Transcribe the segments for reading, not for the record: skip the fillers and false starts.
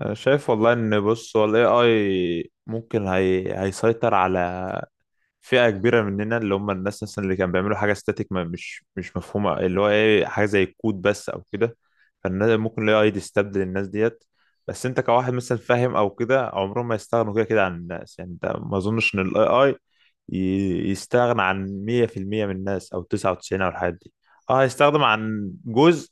أنا شايف والله ان بص هو الاي اي ممكن هيسيطر على فئة كبيرة مننا، اللي هم الناس مثلا اللي كانوا بيعملوا حاجة ستاتيك ما مش مفهومة، اللي هو ايه حاجة زي الكود بس او كده. فالناس ممكن الاي اي يستبدل الناس ديت، بس انت كواحد مثلا فاهم او كده عمرهم ما يستغنوا كده كده عن الناس. يعني انت ما اظنش ان الاي اي يستغنى عن 100% من الناس او 99 او الحاجات دي. اه هيستخدم عن جزء،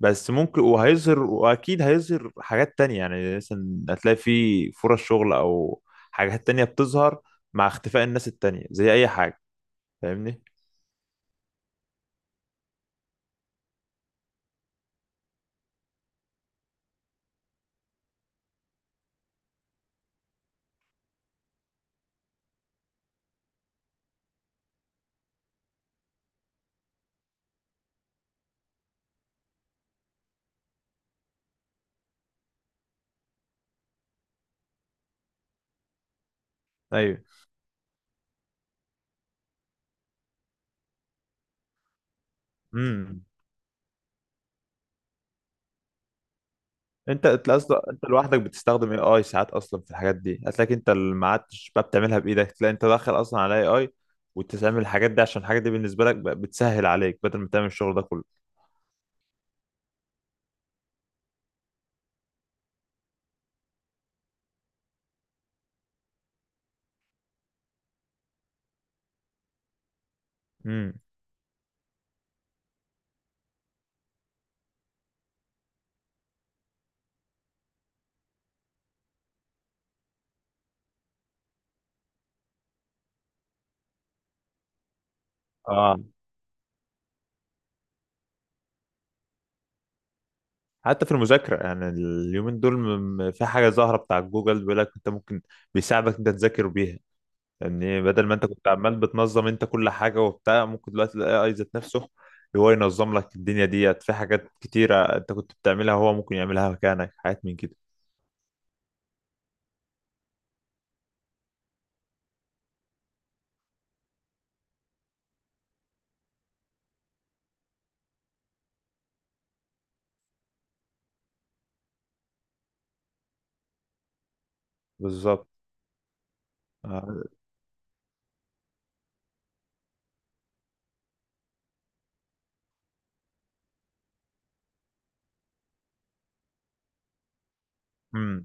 بس ممكن وهيظهر واكيد هيظهر حاجات تانية. يعني مثلا هتلاقي في فرص شغل او حاجات تانية بتظهر مع اختفاء الناس التانية زي اي حاجة. فاهمني؟ ايوه. امم. انت اصلا انت لوحدك بتستخدم اي اي ساعات، اصلا في الحاجات دي هتلاقيك انت اللي ما عادش بقى بتعملها بايدك، تلاقي انت داخل اصلا على اي اي وتستعمل الحاجات دي، عشان الحاجات دي بالنسبة لك بقى بتسهل عليك بدل ما تعمل الشغل ده كله. امم. اه. حتى في المذاكرة، يعني اليومين دول في حاجة ظاهرة بتاع جوجل بيقول لك انت ممكن بيساعدك انت تذاكر بيها. يعني بدل ما انت كنت عمال بتنظم انت كل حاجه وبتاع، ممكن دلوقتي الاي اي ذات نفسه هو ينظم لك الدنيا ديت. في حاجات كتيره انت كنت بتعملها هو ممكن يعملها مكانك، حاجات من كده. بالظبط. آه.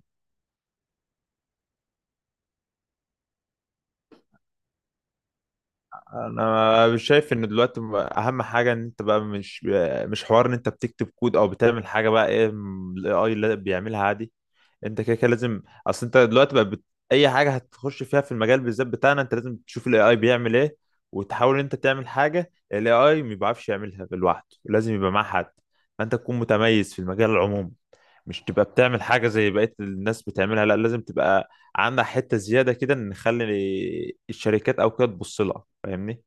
انا مش شايف ان دلوقتي اهم حاجه ان انت بقى مش حوار ان انت بتكتب كود او بتعمل حاجه بقى، ايه الاي اي اللي بيعملها عادي. انت كده كده لازم، اصل انت دلوقتي بقى اي حاجه هتخش فيها في المجال بالذات بتاعنا انت لازم تشوف الاي اي بيعمل ايه، وتحاول ان انت تعمل حاجه الاي اي ما بيعرفش يعملها لوحده، لازم يبقى معاه حد. فانت تكون متميز في المجال العمومي، مش تبقى بتعمل حاجه زي بقيه الناس بتعملها. لا لازم تبقى عندها حته زياده كده، نخلي الشركات او كده تبص لها. فاهمني؟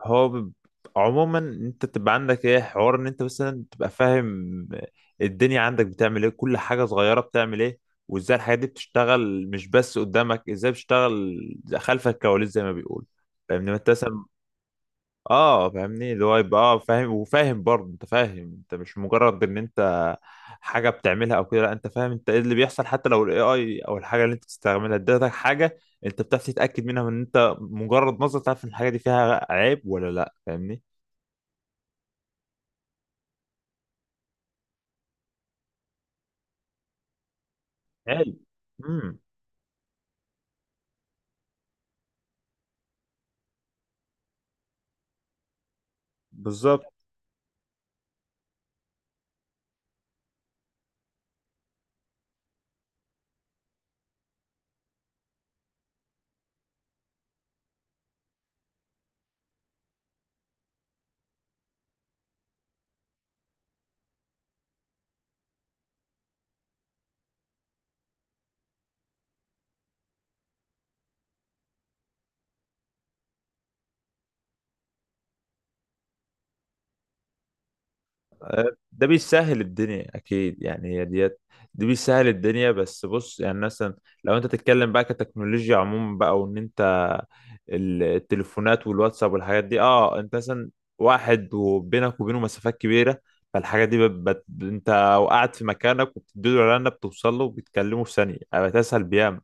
هو ب- عموما انت تبقى عندك ايه حوار ان انت مثلا تبقى فاهم الدنيا عندك بتعمل ايه، كل حاجة صغيرة بتعمل ايه، وازاي الحاجات دي بتشتغل، مش بس قدامك ازاي بتشتغل، خلف الكواليس زي ما بيقول. فاهمني؟ ما انت مثلا اه فاهمني اللي هو يبقى فاهم، وفاهم برضه انت فاهم، انت مش مجرد ان انت حاجه بتعملها او كده. لا انت فاهم انت ايه اللي بيحصل، حتى لو الاي اي او الحاجه اللي انت بتستعملها ادتك حاجه، انت بتعرف تتاكد منها، من ان انت مجرد نظره تعرف ان الحاجه دي فيها عيب ولا لا. فاهمني؟ عيب. امم. بالظبط. ده بيسهل الدنيا اكيد. يعني هي ديت، دي بيسهل الدنيا، بس بص يعني مثلا لو انت تتكلم بقى كتكنولوجيا عموما بقى، وان انت التليفونات والواتساب والحاجات دي، انت مثلا واحد وبينك وبينه مسافات كبيره، فالحاجات دي انت وقعد في مكانك وبتديله اعلان بتوصل له وبتكلمه في ثانيه، بتسهل بيها.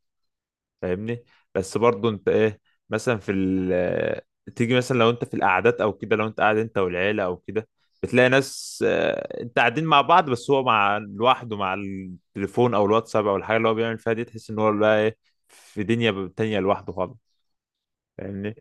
فاهمني؟ بس برضو انت ايه، مثلا في ال تيجي مثلا لو انت في القعدات او كده، لو انت قاعد انت والعيله او كده، بتلاقي ناس انت قاعدين مع بعض، بس هو مع لوحده مع التليفون او الواتساب او الحاجه اللي هو بيعمل فيها دي، تحس ان هو بقى ايه، في دنيا تانية لوحده خالص. فاهمني؟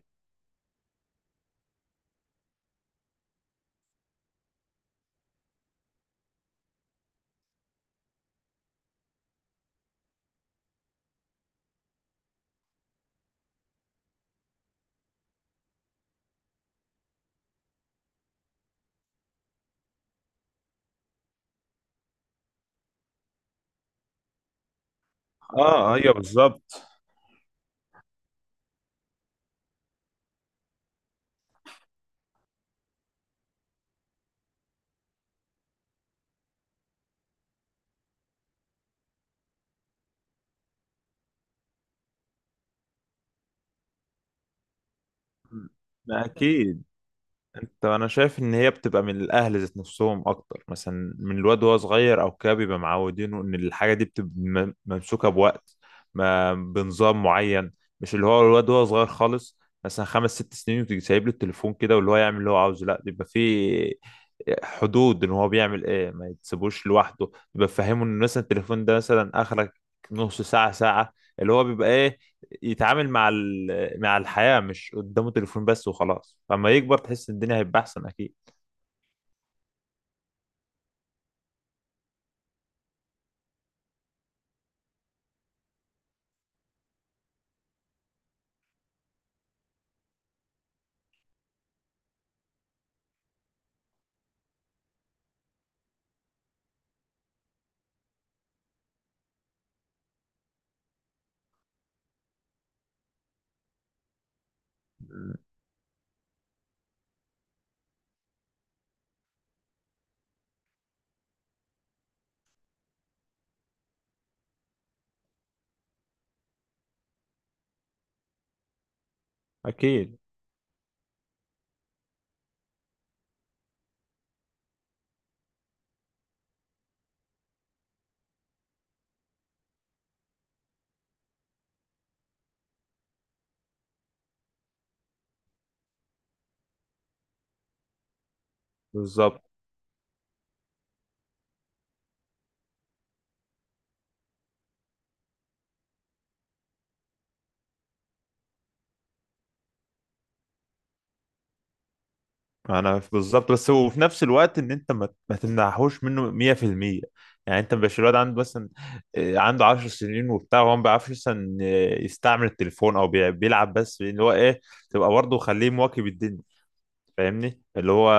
اه. ايوه. بالظبط. ما اكيد. انا شايف ان هي بتبقى من الاهل ذات نفسهم اكتر، مثلا من الواد وهو صغير او كده بيبقى معودينه ان الحاجه دي بتبقى ممسوكه بوقت، ما بنظام معين، مش اللي هو الواد وهو صغير خالص مثلا خمس ست سنين وتيجي سايب له التليفون كده واللي هو يعمل اللي هو عاوزه. لا، بيبقى في حدود ان هو بيعمل ايه، ما يتسيبوش لوحده، بيبقى فاهمه ان مثلا التليفون ده مثلا اخرك نص ساعه ساعه، اللي هو بيبقى ايه، يتعامل مع مع الحياة، مش قدامه تليفون بس وخلاص. لما يكبر تحس ان الدنيا هيبقى احسن اكيد. اكيد. بالظبط. بالظبط، بس وفي نفس الوقت ان انت ما تمنعهوش منه 100%. يعني انت مش الواد عنده مثلا، عنده 10 سنين وبتاع، وهو ما بيعرفش مثلا، يستعمل التليفون او بيلعب بس. اللي هو ايه، تبقى برضه خليه مواكب الدنيا. فاهمني؟ اللي هو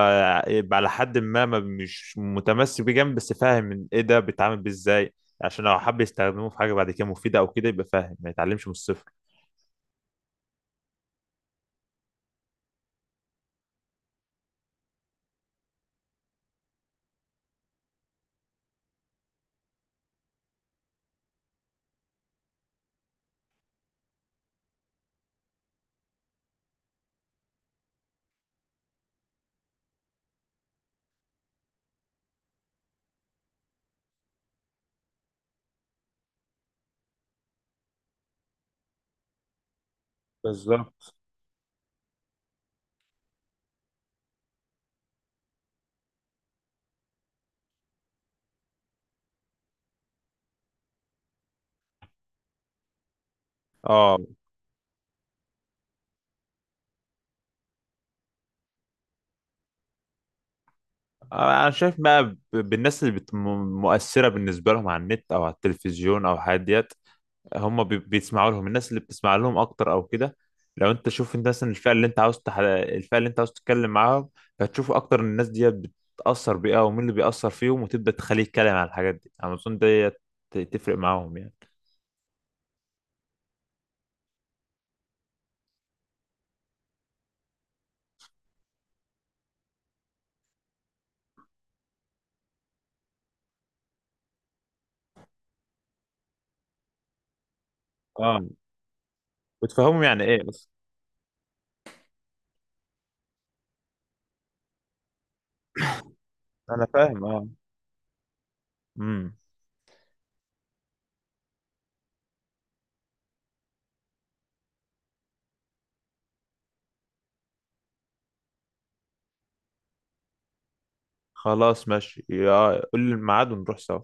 يبقى على حد ما مش متمسك بيه جامد، بس فاهم إن ايه ده، بيتعامل بيه ازاي، عشان لو حب يستخدموه في حاجه بعد كده مفيده او كده يبقى فاهم، ما يتعلمش من الصفر. بالظبط. اه. انا شايف بقى بالناس اللي مؤثره بالنسبه لهم على النت او على التلفزيون او الحاجات ديت. هم بيسمعوا لهم، الناس اللي بتسمع لهم اكتر او كده. لو انت شوف انت مثلا الفئه اللي انت عاوز تتكلم معاهم، هتشوف اكتر ان الناس دي بتاثر بيها، ومين اللي بيأثر فيهم، وتبدا تخليه يتكلم على الحاجات دي. انا اظن دي تفرق معاهم يعني. اه. وتفهمهم يعني ايه بس. انا فاهم اه. امم. خلاص ماشي قول لي الميعاد ونروح سوا.